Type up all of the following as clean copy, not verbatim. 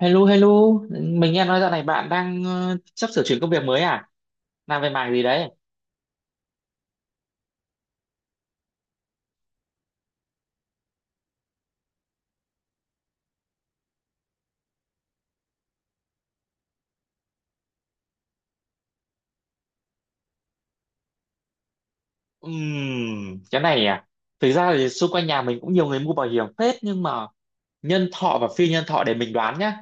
Hello, hello. Mình nghe nói dạo này bạn đang sắp sửa chuyển công việc mới à? Làm về mảng gì đấy? Cái này à, thực ra thì xung quanh nhà mình cũng nhiều người mua bảo hiểm phết, nhưng mà nhân thọ và phi nhân thọ để mình đoán nhá.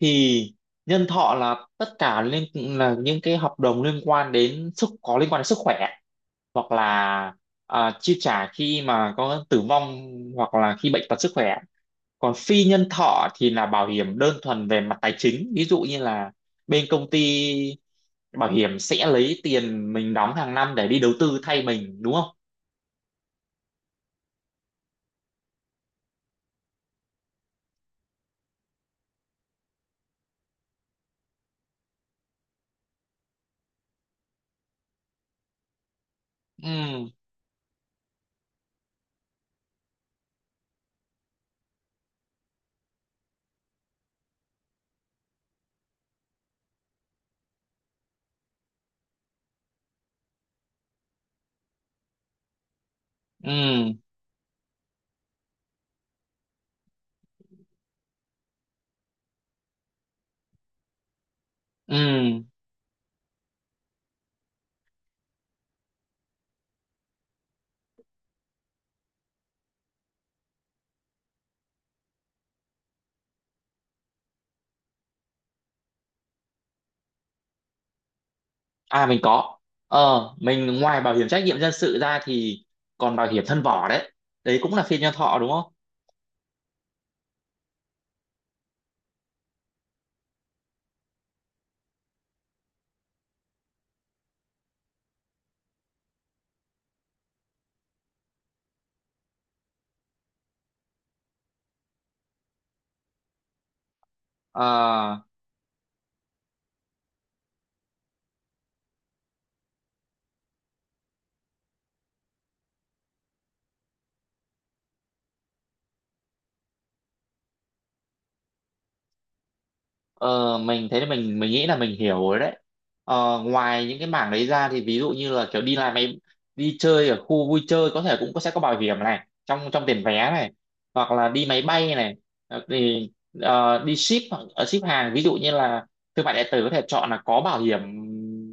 Thì nhân thọ là tất cả là những cái hợp đồng liên quan đến có liên quan đến sức khỏe, hoặc là chi trả khi mà có tử vong, hoặc là khi bệnh tật sức khỏe. Còn phi nhân thọ thì là bảo hiểm đơn thuần về mặt tài chính, ví dụ như là bên công ty bảo hiểm sẽ lấy tiền mình đóng hàng năm để đi đầu tư thay mình, đúng không? Ừ. Ừ. Ừ. À, mình có. Mình, ngoài bảo hiểm trách nhiệm dân sự ra thì còn bảo hiểm thân vỏ đấy, đấy cũng là phiên nhân thọ đúng không? Ờ. Ờ, mình thấy là mình nghĩ là mình hiểu rồi đấy. Ờ, ngoài những cái mảng đấy ra thì ví dụ như là kiểu đi làm mấy, đi chơi ở khu vui chơi có thể cũng có, sẽ có bảo hiểm này trong trong tiền vé này, hoặc là đi máy bay này. Ờ, thì đi ship, hoặc ship hàng, ví dụ như là thương mại điện tử có thể chọn là có bảo hiểm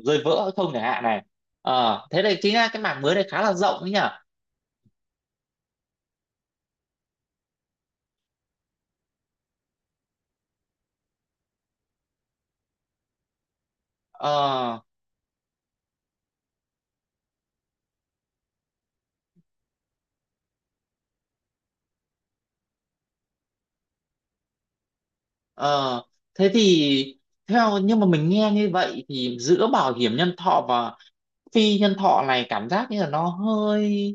rơi vỡ hay không chẳng hạn này. Ờ, thế đây chính là cái mảng mới này, khá là rộng đấy nhỉ. Ờ. Ờ, thế thì nhưng mà mình nghe như vậy thì giữa bảo hiểm nhân thọ và phi nhân thọ này cảm giác như là nó hơi,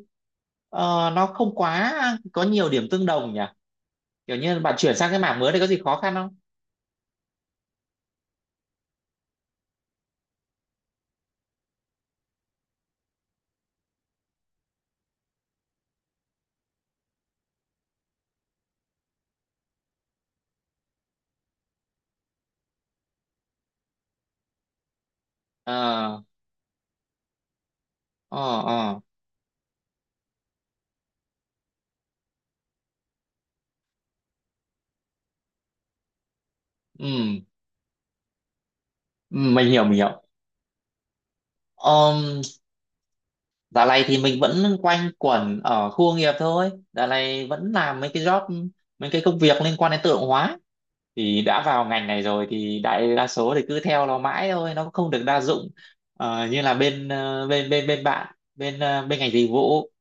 nó không quá có nhiều điểm tương đồng nhỉ. Kiểu như bạn chuyển sang cái mảng mới này có gì khó khăn không? Ờ. Ờ. Ờ. Ừ, mình hiểu, mình hiểu. um, dạo này thì mình vẫn quanh quẩn ở khu công nghiệp thôi, dạo này vẫn làm mấy cái job, mấy cái công việc liên quan đến tự động hóa. Thì đã vào ngành này rồi thì đại đa số thì cứ theo nó mãi thôi, nó cũng không được đa dụng. Ờ, như là bên ờ, bên bên bên bạn bên bên ngành dịch vụ.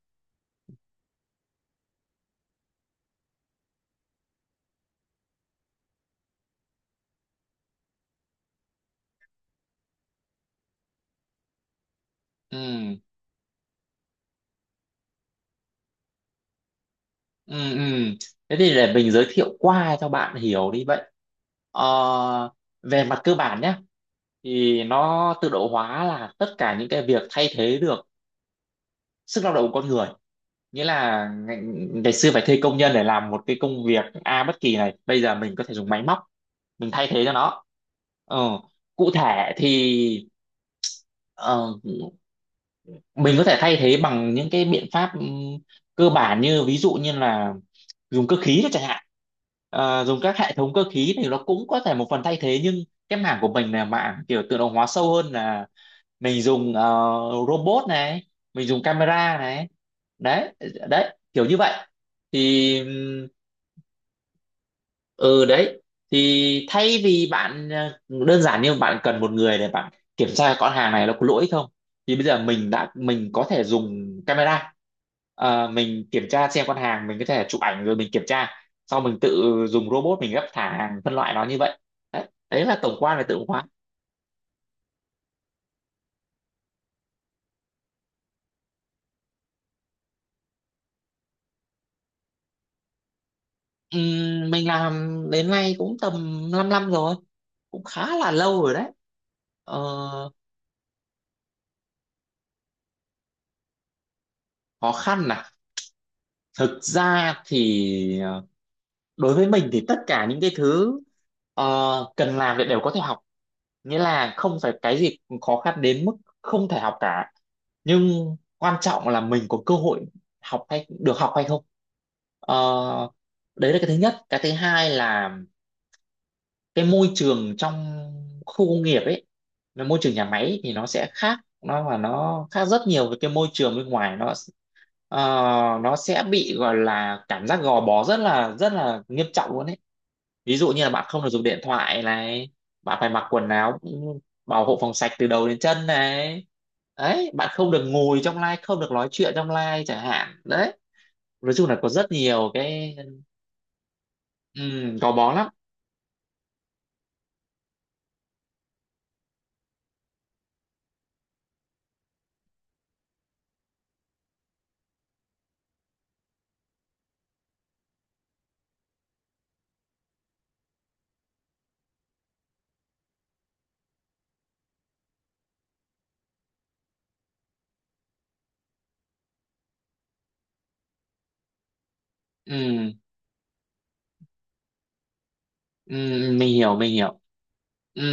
Ừ. Ừ. Ừ. Thế thì để mình giới thiệu qua cho bạn hiểu đi vậy. Ờ, về mặt cơ bản nhé, thì tự động hóa là tất cả những cái việc thay thế được sức lao động của con người. Nghĩa là ngày xưa phải thuê công nhân để làm một cái công việc A bất kỳ này, bây giờ mình có thể dùng máy móc mình thay thế cho nó. ờ, cụ thể thì ờ, mình có thể thay thế bằng những cái biện pháp, cơ bản như ví dụ như là dùng cơ khí đó chẳng hạn. Ờ, dùng các hệ thống cơ khí thì nó cũng có thể một phần thay thế, nhưng cái mảng của mình là mảng kiểu tự động hóa sâu hơn, là mình dùng robot này, mình dùng camera này, đấy, đấy kiểu như vậy. Thì ừ đấy. Thì thay vì bạn đơn giản như bạn cần một người để bạn kiểm tra con hàng này nó có lỗi không, thì bây giờ mình có thể dùng camera. Ờ, mình kiểm tra xem con hàng, mình có thể chụp ảnh rồi mình kiểm tra, sau mình tự dùng robot mình gấp thả hàng phân loại nó như vậy. Đấy, đấy là tổng quan về tự động hóa. Mình làm đến nay cũng tầm 5 năm rồi, cũng khá là lâu rồi đấy. Ờ, khó khăn à? Thực ra thì đối với mình thì tất cả những cái thứ ờ, cần làm thì đều có thể học. Nghĩa là không phải cái gì cũng khó khăn đến mức không thể học cả, nhưng quan trọng là mình có cơ hội học, hay được học hay không. Ờ, đấy là cái thứ nhất. Cái thứ hai là cái môi trường trong khu công nghiệp ấy, là môi trường nhà máy ấy, thì nó sẽ khác, nó khác rất nhiều với cái môi trường bên ngoài nó. ờ, nó sẽ bị gọi là cảm giác gò bó rất là nghiêm trọng luôn ấy. Ví dụ như là bạn không được dùng điện thoại này, bạn phải mặc quần áo bảo hộ phòng sạch từ đầu đến chân này, đấy, bạn không được ngồi trong live, không được nói chuyện trong live chẳng hạn đấy. Nói chung là có rất nhiều cái. Ừ, gò bó lắm. Ừ, ừ, mình hiểu, mình hiểu. Ừ.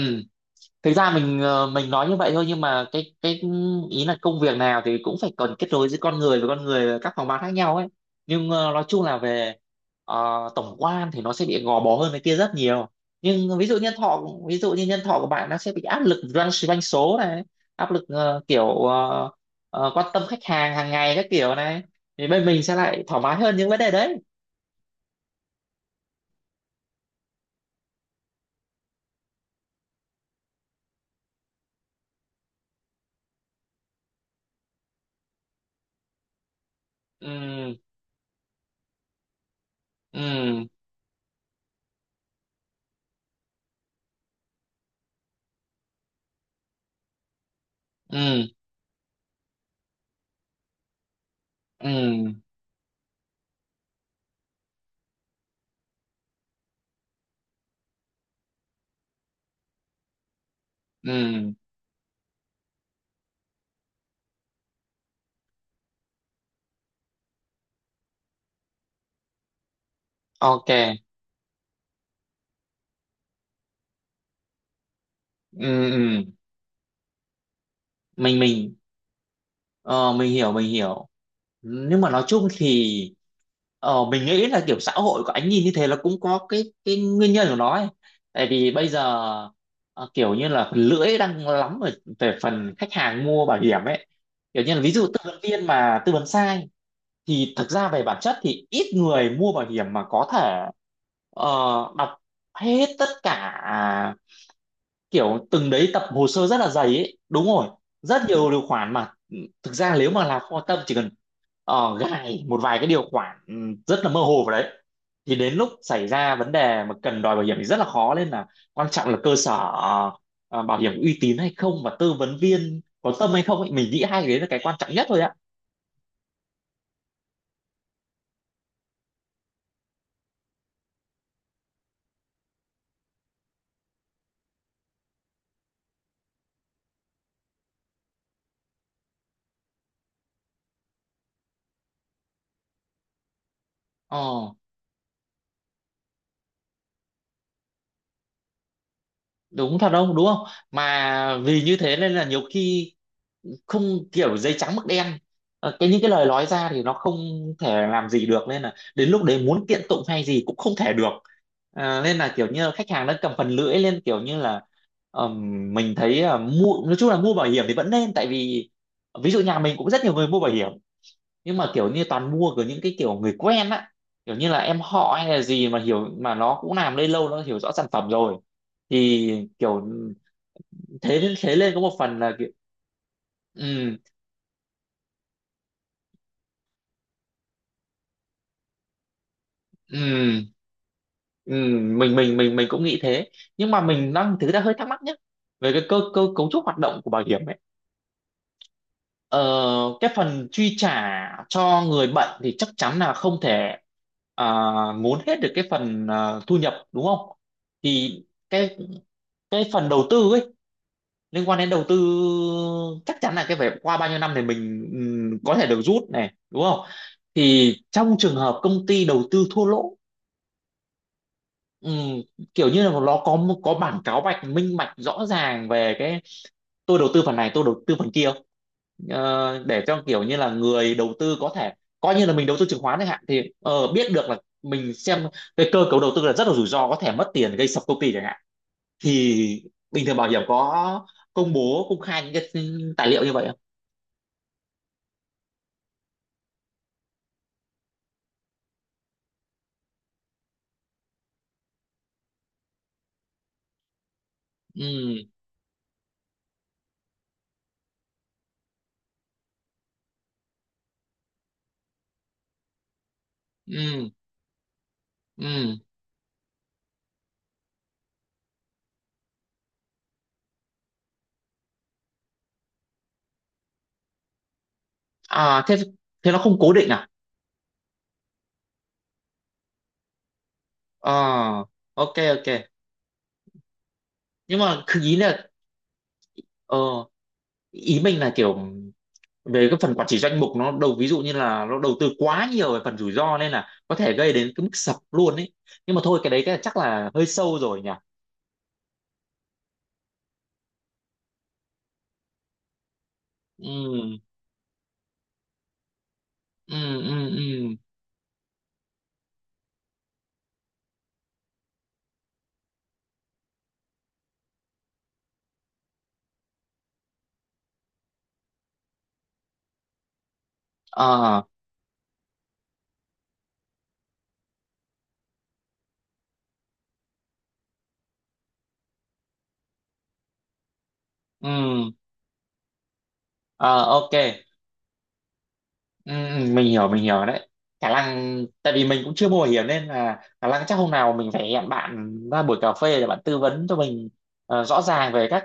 Thực ra mình, mình nói như vậy thôi, nhưng mà cái ý là công việc nào thì cũng phải cần kết nối giữa con người với con người ở các phòng ban khác nhau ấy. Nhưng nói chung là về tổng quan thì nó sẽ bị gò bó hơn cái kia rất nhiều. Nhưng ví dụ nhân thọ, ví dụ như nhân thọ của bạn, nó sẽ bị áp lực doanh doanh số này, áp lực quan tâm khách hàng hàng ngày các kiểu này. Thì bên mình sẽ lại thoải mái hơn những vấn đề đấy. Ừ. Ừ. Ừ. Ừ. Ừ. Ok. Ừ. Ừ. Mình. Ờ, mình hiểu, mình hiểu. Nhưng mà nói chung thì mình nghĩ là kiểu xã hội của anh nhìn như thế là cũng có cái nguyên nhân của nó ấy. Tại vì bây giờ kiểu như là phần lưỡi đang lắm ở về phần khách hàng mua bảo hiểm ấy, kiểu như là ví dụ tư vấn viên mà tư vấn sai, thì thực ra về bản chất thì ít người mua bảo hiểm mà có thể ờ, đọc hết tất cả kiểu từng đấy tập hồ sơ rất là dày ấy, đúng rồi. Rất nhiều điều khoản mà, thực ra nếu mà là kho tâm, chỉ cần gài một vài cái điều khoản rất là mơ hồ vào đấy, thì đến lúc xảy ra vấn đề mà cần đòi bảo hiểm thì rất là khó. Nên là quan trọng là cơ sở bảo hiểm uy tín hay không, và tư vấn viên có tâm hay không ấy. Mình nghĩ hai cái đấy là cái quan trọng nhất thôi ạ. Ờ, đúng thật, không đúng không? Mà vì như thế nên là nhiều khi không kiểu giấy trắng mực đen. Ờ, cái những cái lời nói ra thì nó không thể làm gì được, nên là đến lúc đấy muốn kiện tụng hay gì cũng không thể được. À, nên là kiểu như là khách hàng đã cầm phần lưỡi lên, kiểu như là, mình thấy, mua nói chung là mua bảo hiểm thì vẫn nên, tại vì ví dụ nhà mình cũng rất nhiều người mua bảo hiểm, nhưng mà kiểu như toàn mua của những cái kiểu người quen á, kiểu như là em họ hay là gì mà hiểu, mà nó cũng làm đây lâu, nó hiểu rõ sản phẩm rồi thì kiểu thế. Thế lên có một phần là kiểu. Ừ. Ừ. Ừ, mình cũng nghĩ thế. Nhưng mà mình đang thực ra hơi thắc mắc nhé, về cái cơ cơ cấu trúc hoạt động của bảo hiểm ấy. Ờ, cái phần chi trả cho người bệnh thì chắc chắn là không thể, à, muốn hết được cái phần, à, thu nhập đúng không? Thì cái cái phần đầu tư ấy, liên quan đến đầu tư, chắc chắn là cái phải qua bao nhiêu năm thì mình, có thể được rút này đúng không? Thì trong trường hợp công ty đầu tư thua lỗ, ừm, kiểu như là nó có bản cáo bạch minh bạch rõ ràng về cái tôi đầu tư phần này, tôi đầu tư phần kia không? Ờ, để cho kiểu như là người đầu tư có thể coi như là mình đầu tư chứng khoán chẳng hạn, thì ờ, biết được là mình xem cái cơ cấu đầu tư là rất là rủi ro, có thể mất tiền gây sập công ty chẳng hạn. Thì bình thường bảo hiểm có công bố công khai những cái tài liệu như vậy không? Ừ. Ừ. Ừ. À thế, thế nó không cố định à? Ờ, ok, ok. Nhưng mà cứ ý là, ờ ý mình là kiểu, về cái phần quản trị danh mục nó ví dụ như là nó đầu tư quá nhiều về phần rủi ro, nên là có thể gây đến cái mức sập luôn ấy. Nhưng mà thôi, cái đấy cái chắc là hơi sâu rồi nhỉ. Ừ. Ừ. Ừ. Ừ. Ờ. Ừ. Ờ, ok. Ừ, ừ, mình hiểu, mình hiểu đấy. Khả năng tại vì mình cũng chưa mua bảo hiểm, nên là khả năng chắc hôm nào mình phải hẹn bạn ra buổi cà phê để bạn tư vấn cho mình rõ ràng về các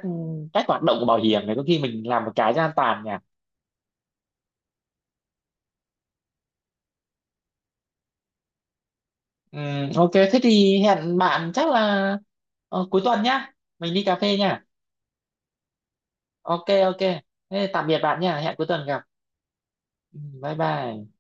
cách hoạt động của bảo hiểm này, có khi mình làm một cái cho an toàn nhỉ. Ừ, ok, thế thì hẹn bạn chắc là cuối tuần nhá, mình đi cà phê nhá. Ok, ok, thế tạm biệt bạn nha, hẹn cuối tuần gặp. Ừ, bye bye.